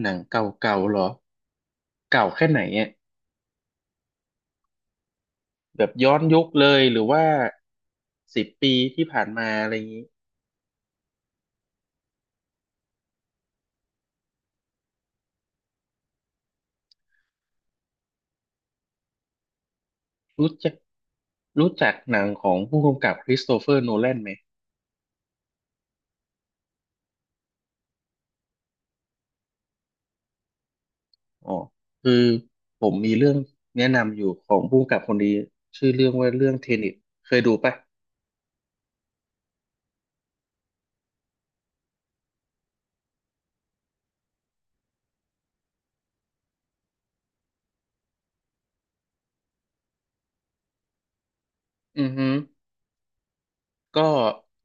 หนังเก่าๆเหรอ เก่าแค่ไหนเนี่ยแบบย้อนยุคเลยหรือว่า10 ปีที่ผ่านมาอะไรอย่างนี้รู้จักรู้จักหนังของผู้กำกับคริสโตเฟอร์โนแลนไหมอ๋อคือผมมีเรื่องแนะนำอยู่ของผู้กำกับคนนี้ชื่อเรื่องว่าเรื่องเทเน็ตเคยดูปะอือฮึ ก็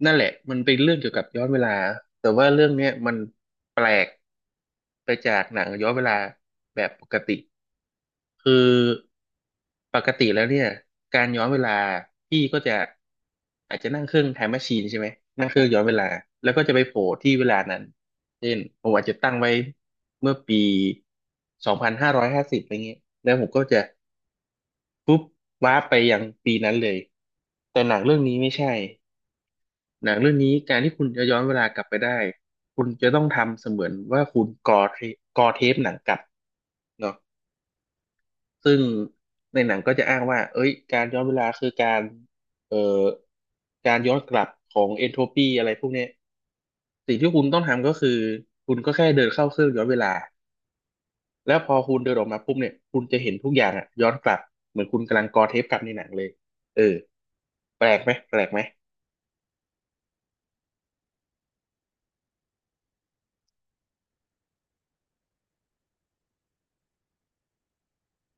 นั่นแหละมันเป็นเรื่องเกี่ยวกับย้อนเวลาแต่ว่าเรื่องเนี้ยมันแปลกไปจากหนังย้อนเวลาแบบปกติคือปกติแล้วเนี่ยการย้อนเวลาพี่ก็จะอาจจะนั่งเครื่องไทม์แมชชีนใช่ไหมนั่งเครื่องย้อนเวลาแล้วก็จะไปโผล่ที่เวลานั้นเช่นผมอาจจะตั้งไว้เมื่อปี2550อะไรเงี้ยแล้วผมก็จะปุ๊บว้าร์ปไปยังปีนั้นเลยแต่หนังเรื่องนี้ไม่ใช่ หนังเรื่องนี้การที่คุณจะย้อนเวลากลับไปได้คุณจะต้องทำเสมือนว่าคุณกอเทปหนังกลับเนาะซึ่งในหนังก็จะอ้างว่าเอ้ยการย้อนเวลาคือเอ่อการย้อนกลับของเอนโทรปีอะไรพวกเนี้ยสิ่งที่คุณต้องทำก็คือคุณก็แค่เดินเข้าเครื่องย้อนเวลาแล้วพอคุณเดินออกมาปุ๊บเนี่ยคุณจะเห็นทุกอย่างอะย้อนกลับเหมือนคุณกำลังกอเทปกลับในหนังเลยเออแปลกไหมแปลกไหม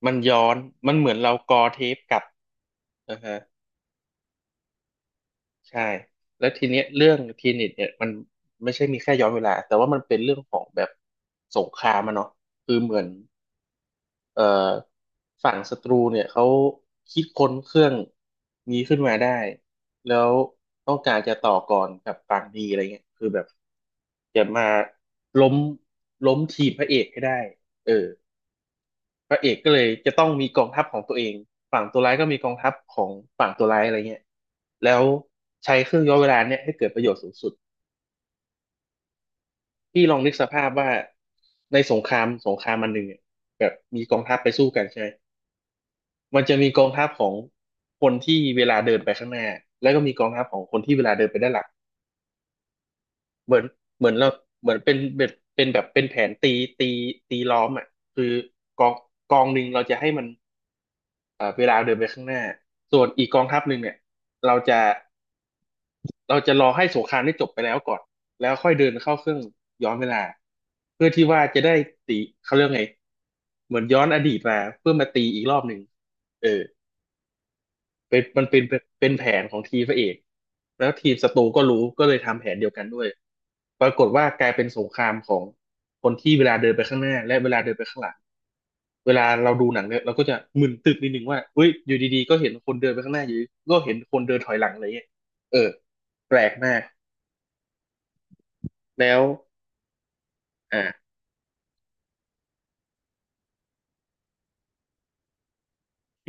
มันย้อนมันเหมือนเรากอเทปกลับนะฮะ ใช่แล้วทีเนี้ยเรื่องทีนิตเนี่ยมันไม่ใช่มีแค่ย้อนเวลาแต่ว่ามันเป็นเรื่องของแบบสงครามอะเนาะคือเหมือนเอ่อฝั่งศัตรูเนี่ยเขาคิดค้นเครื่องนี้ขึ้นมาได้แล้วต้องการจะต่อก่อนกับฝั่งดีอะไรเงี้ยคือแบบจะมาล้มล้มทีมพระเอกให้ได้เออ พระเอกก็เลยจะต้องมีกองทัพของตัวเองฝั่งตัวร้ายก็มีกองทัพของฝั่งตัวร้ายอะไรเงี้ยแล้วใช้เครื่องย้อนเวลาเนี่ยให้เกิดประโยชน์สูงสุดพี่ลองนึกสภาพว่าในสงครามมันหนึ่งเนี่ยแบบมีกองทัพไปสู้กันใช่ไหมมันจะมีกองทัพของคนที่เวลาเดินไปข้างหน้าแล้วก็มีกองทัพของคนที่เวลาเดินไปด้านหลังเหมือนเหมือนเราเหมือนเป็นแบบเป็นแผนตีตีล้อมอ่ะคือกองกองหนึ่งเราจะให้มัน เวลาเดินไปข้างหน้า ส่วนอีกกองทัพหนึ่งเนี่ยเราจะเราจะรอให้สงครามได้จบไปแล้วก่อนแล้วค่อยเดินเข้าเครื่องย้อนเวลาเพื่อที่ว่าจะได้ตีเขาเรียกไงเหมือนย้อนอดีตมาเพื่อมาตีอีกรอบหนึ่งเออ เป็นมันเป็นเป็นแผนของทีมพระเอกแล้วทีมศัตรูก็รู้ก็เลยทำแผนเดียวกันด้วยปรากฏว่ากลายเป็นสงครามของคนที่เวลาเดินไปข้างหน้าและเวลาเดินไปข้างหลังเวลาเราดูหนังเนี่ยเราก็จะมึนตึกนิดนึงว่าเฮ้ยอยู่ดีๆก็เห็นคนเดินไปข้างหน้าอยู่ดีก็เห็นคนเดินถอยหลังอะไรเงี้ยเออแปลกมากแล้วอ่า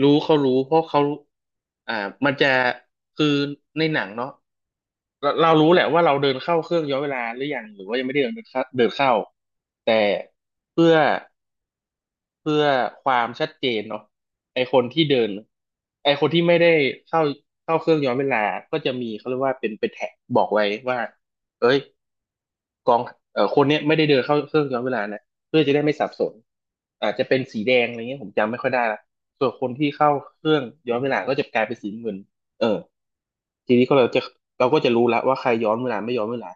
รู้เขารู้เพราะเขาอ่ามันจะคือในหนังเนาะเรารู้แหละว่าเราเดินเข้าเครื่องย้อนเวลาหรือยังหรือว่ายังไม่ได้เดินเข้าแต่เพื่อเพื่อความชัดเจนเนาะไอคนที่เดินไอคนที่ไม่ได้เข้าเข้าเครื่องย้อนเวลาก็จะมีเขาเรียกว่าเป็นแท็กบอกไว้ว่าเอ้ย กองเอ่อคนเนี้ยไม่ได้เดินเข้าเครื่องย้อนเวลานะเพื่อจะได้ไม่สับสนอาจจะเป็นสีแดงอะไรเงี้ยผมจำไม่ค่อยได้ละส่วนคนที่เข้าเครื่องย้อนเวลาก็จะกลายเป็นสีน้ำเงินเออทีนี้ก็เราก็จะรู้ละว่าใครย้อนเวลาไม่ย้อนเวลา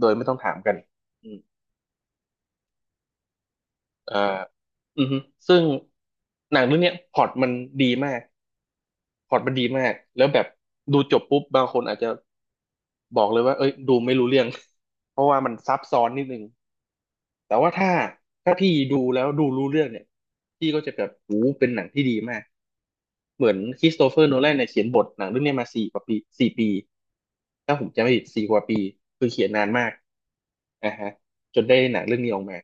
โดยไม่ต้องถามกันอืมเอ่ออือฮึซึ่งหนังเรื่องเนี้ยพล็อตมันดีมากพล็อตมันดีมากแล้วแบบดูจบปุ๊บบางคนอาจจะบอกเลยว่าเอ้ยดูไม่รู้เรื่อง เพราะว่ามันซับซ้อนนิดนึง แต่ว่าถ้าพี่ดูแล้วดูรู้เรื่องเนี่ยพี่ก็จะแบบโอ้เป็นหนังที่ดีมากเหมือนคริสโตเฟอร์โนแลนเนี่ยเขียนบทหนังเรื่องเนี้ยมาสี่กว่าปี4 ปีถ้าผมจำไม่ผิดสี่กว่าปีคือเขียนนานมากอ่าฮะจนได้หนังเรื่องนี้ออกมา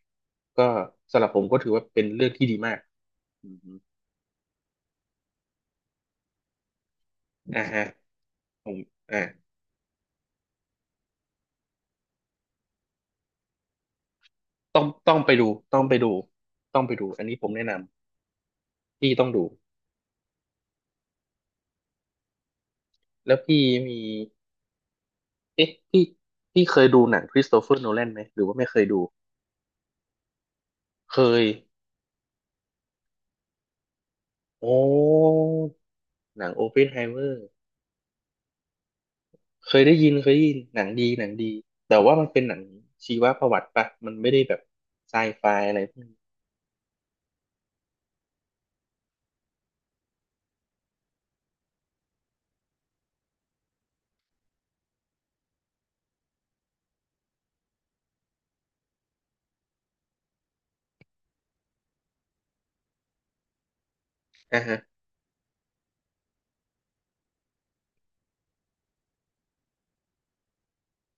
ก็สำหรับผมก็ถือว่าเป็นเรื่องที่ดีมากอือฮึอ่าฮะผมอ่าต้องไปดูต้องไปดูอันนี้ผมแนะนำพี่ต้องดูแล้วพี่มีเอ๊ะพี่เคยดูหนังคริสโตเฟอร์โนแลนไหมหรือว่าไม่เคยดู เคยโอ้หนังโอเพนไฮเมอร์เคยได้ยินหนังดีหนังดีแต่ว่ามันเป็นหนังชีวประวัติปะมันไม่ได้แบบไซไฟอะไรพวกนี้อ่าฮะ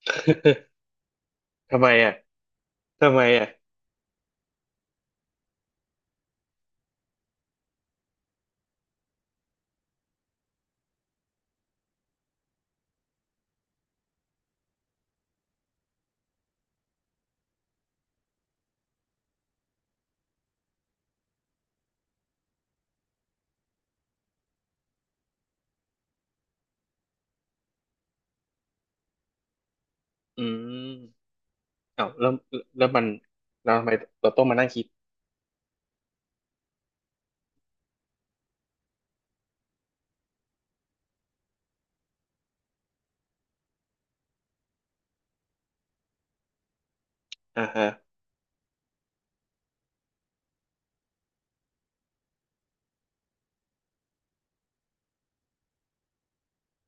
ทำไมอ่ะทำไมอ่ะอืมเอ้าแล้วมันเราทำไมเราต้องมานั่งคิดอ่าฮะ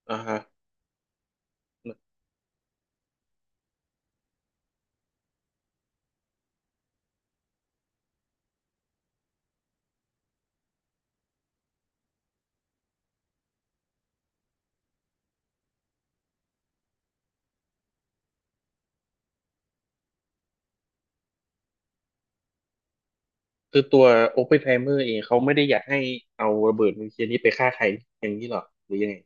อ่าฮะคือตัวโอปเพนไฮเมอร์เองเขาไม่ได้อยากให้เอาระเบิดนิวเคลียร์นี้ไปฆ่าใครอย่างนี้หรอหรือยังไง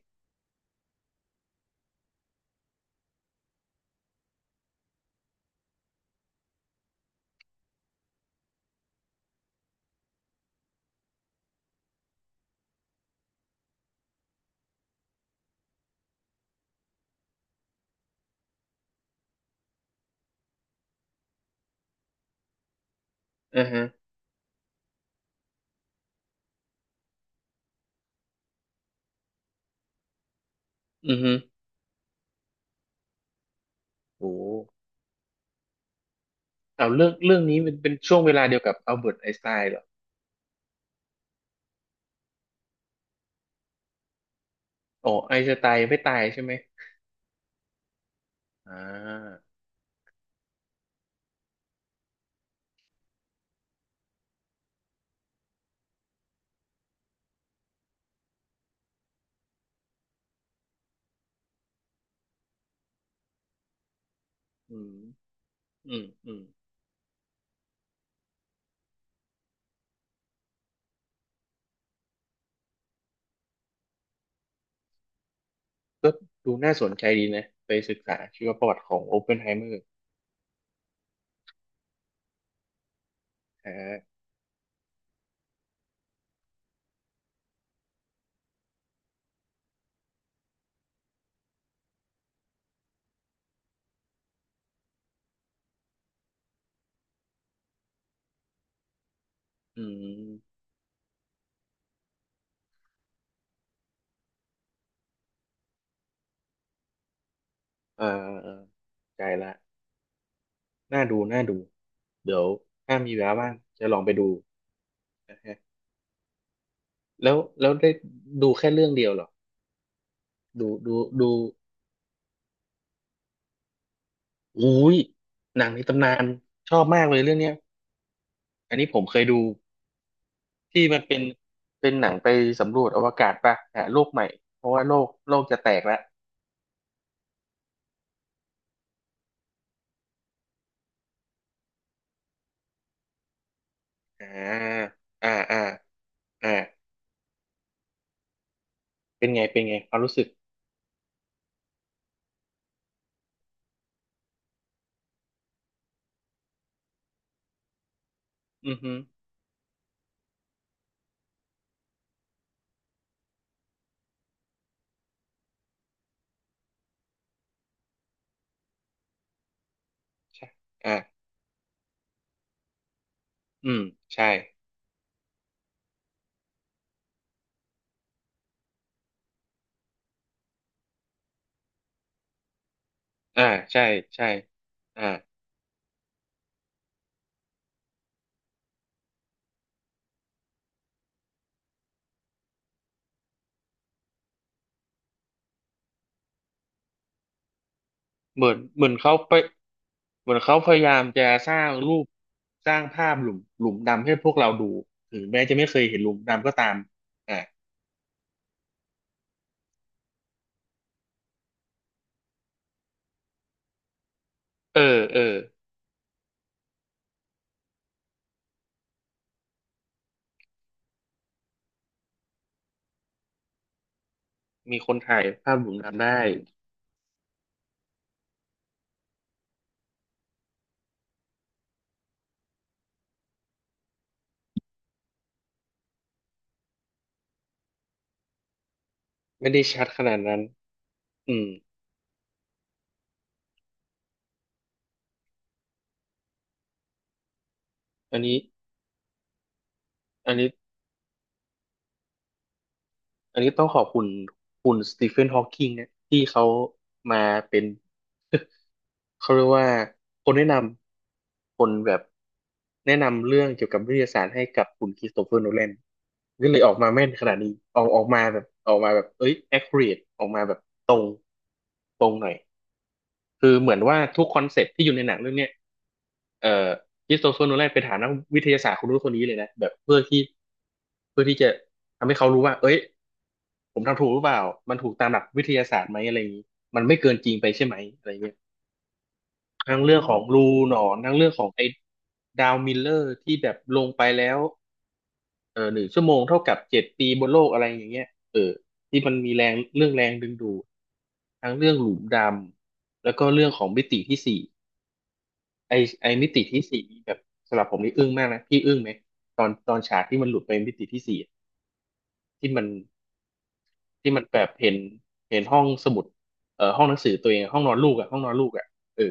อ่าฮะอือฮึโอ้ เอาเรื่องนี้มันเป็นช่วงเวลาเดียวกับอัลเบิร์ตไอน์สไตน์เหรออ๋อไอน์สไตน์ไม่ตายใช่ไหมอ่าอืมอืม อืม ก็ดูน่าสนใจดีนะไปศึกษาชีวประวัติของโอเพนไฮเมอร์ฮะอืมอ่าอ่าใจละน่าดูน่าดูเดี๋ยวถ้ามีเวลาว่างจะลองไปดูนะฮะแล้วได้ดูแค่เรื่องเดียวเหรอ ดูดูดูอุ้ยหนังในตำนานชอบมากเลยเรื่องเนี้ยอันนี้ผมเคยดู ที่มันเป็นหนังไปสำรวจอวกาศป่ะหาโลกใหม่เพราะว่าโลกจะแตกแล้วอ่าอ่าอ่าอ่าเป็นไงเป็นไงความรู้สึกอือฮึใช่อ่าอืมใช่อ่าใช่ใช่อ่าเหมือนเหมือนเขาไปเหมือนเขาพยายามจะสร้างรูปสร้างภาพหลุมดำให้พวกเราดูถึงแม้จะไม่เคยเห็นหลุมดำก็ตามอ่าเออเออมีคนถ่ายภาพหลุมดำได้ไม่ได้ชัดขนาดนั้นอืมอันนี้ อันนี้อันนี้ต้องขอบคุณคุณสตีเฟนฮอว์กิงเนี่ยที่เขามาเป็น เขาเรียกว่าคนแนะนำคนแบบแนะนำเรื่องเกี่ยวกับวิทยาศาสตร์ให้กับคุณคริสโตเฟอร์โนแลนก็เลยออกมาแม่นขนาดนี้ออกมาแบบออกมาแบบเอ้ย accurate ออกมาแบบตรงตรงหน่อยคือเหมือนว่าทุกคอนเซ็ปต์ที่อยู่ในหนังเรื่องเนี้ยเอ่อคริสโตเฟอร์โนแลนไปถามนักวิทยาศาสตร์คนนู้นคนนี้เลยนะแบบเพื่อที่จะทำให้เขารู้ว่าเอ้ย ผมทำถูกหรือเปล่ามันถูกตามหลักวิทยาศาสตร์ไหมอะไรอย่างนี้มันไม่เกินจริงไปใช่ไหมอะไรเงี้ยทั้งเรื่องของรูหนอนทั้งเรื่องของไอ้ดาวมิลเลอร์ที่แบบลงไปแล้วเออ1 ชั่วโมงเท่ากับ7 ปีบนโลกอะไรอย่างเงี้ยเออที่มันมีแรงเรื่องแรงดึงดูดทั้งเรื่องหลุมดำแล้วก็เรื่องของมิติที่สี่ไอ้ไอ้มิติที่สี่นี่แบบสำหรับผมนี่อึ้งมากนะพี่อึ้งไหมตอนฉากที่มันหลุดไปมิติที่สี่อะที่มัน ที่มันแบบเห็นห้องสมุดห้องหนังสือตัวเองห้องนอนลูกอ่ะห้องนอนลูกอ่ะเออ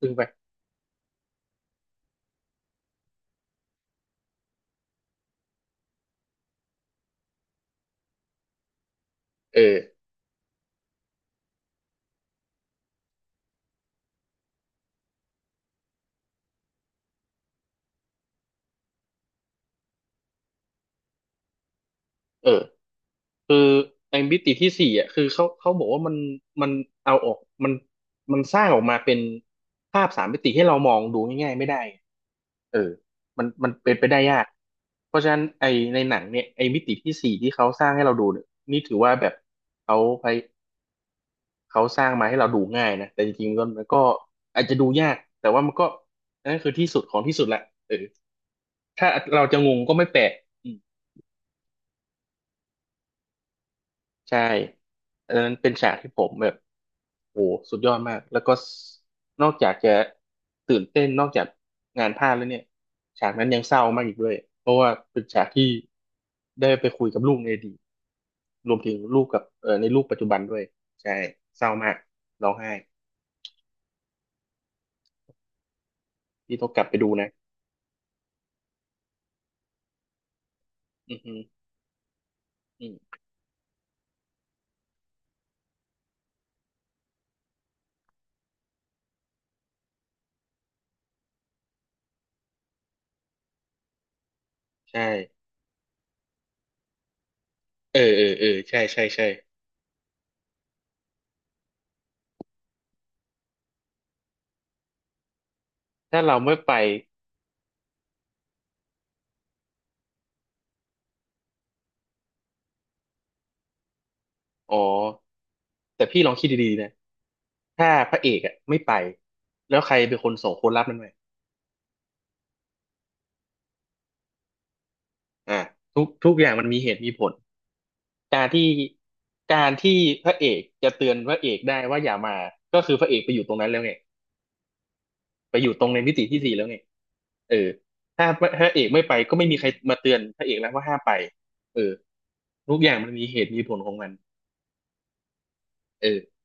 ซึ่งไปเออเออคือไอ้มิติที่สี่อ่ะคือเขาบอกว่ามันมันเอาออกมันมันสร้างออกมาเป็นภาพสามมิติให้เรามองดูง่ายๆไม่ได้เออมันเป็นไปได้ยากเพราะฉะนั้นไอ้ในหนังเนี่ยไอ้มิติที่สี่ที่เขาสร้างให้เราดูเนี่ยนี่ถือว่าแบบเขาไป เขาสร้างมาให้เราดูง่ายนะแต่จริงๆมันก็อาจจะดูยาก แต่ว่ามันก็อันนั่นคือที่สุดของที่สุดแหละเออถ้าเราจะงงก็ไม่แปลกอืมใช่อันนั้นเป็นฉากที่ผมแบบโอ้สุดยอดมากแล้วก็นอกจากจะตื่นเต้นนอกจากงานพลาดแล้วเนี่ยฉากนั้นยังเศร้ามากอีกด้วย เพราะว่าเป็นฉากที่ได้ไปคุยกับลูกในอดีตรวมถึงลูกกับในลูกปัจจุบันด้วยใช่เศร้ามากร้องไห้พี่ต้องกลับไปดูนะอือฮึอืมใช่ เออเออเออใช่ใช่ใช่ถ้าเราไม่ไปอ๋อแต่พี่ลองคิดดีๆนะถ้าพระเอกอ่ะไม่ไปแล้วใครเป็นคนส่งคนรับมันไปอ่าทุกอย่างมันมีเหตุมีผลการที่การที่พระเอกจะเตือนพระเอกได้ว่าอย่ามาก็คือพระเอกไปอยู่ตรงนั้นแล้วไงไปอยู่ตรงในมิติที่สี่แล้วไงเออถ้าพระเอกไม่ไปก็ไม่มีใครมาเตือนพระเอกแล้วว่าห้ามไปเออทุกอย่างมันมีเหตุมีผลของมันเออ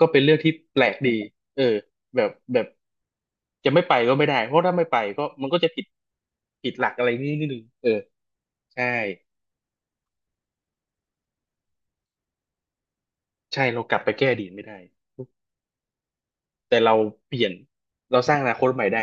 ก็เป็นเรื่องที่แปลกดีเออแบบ จะไม่ไปก็ไม่ได้เพราะถ้าไม่ไปก็มันก็จะผิดผิดหลักอะไรนิดนึงเออใช่ใช่เรากลับไปแก้อดีตไม่ได้แต่เราเปลี่ยนเราสร้างอนาคตใหม่ได้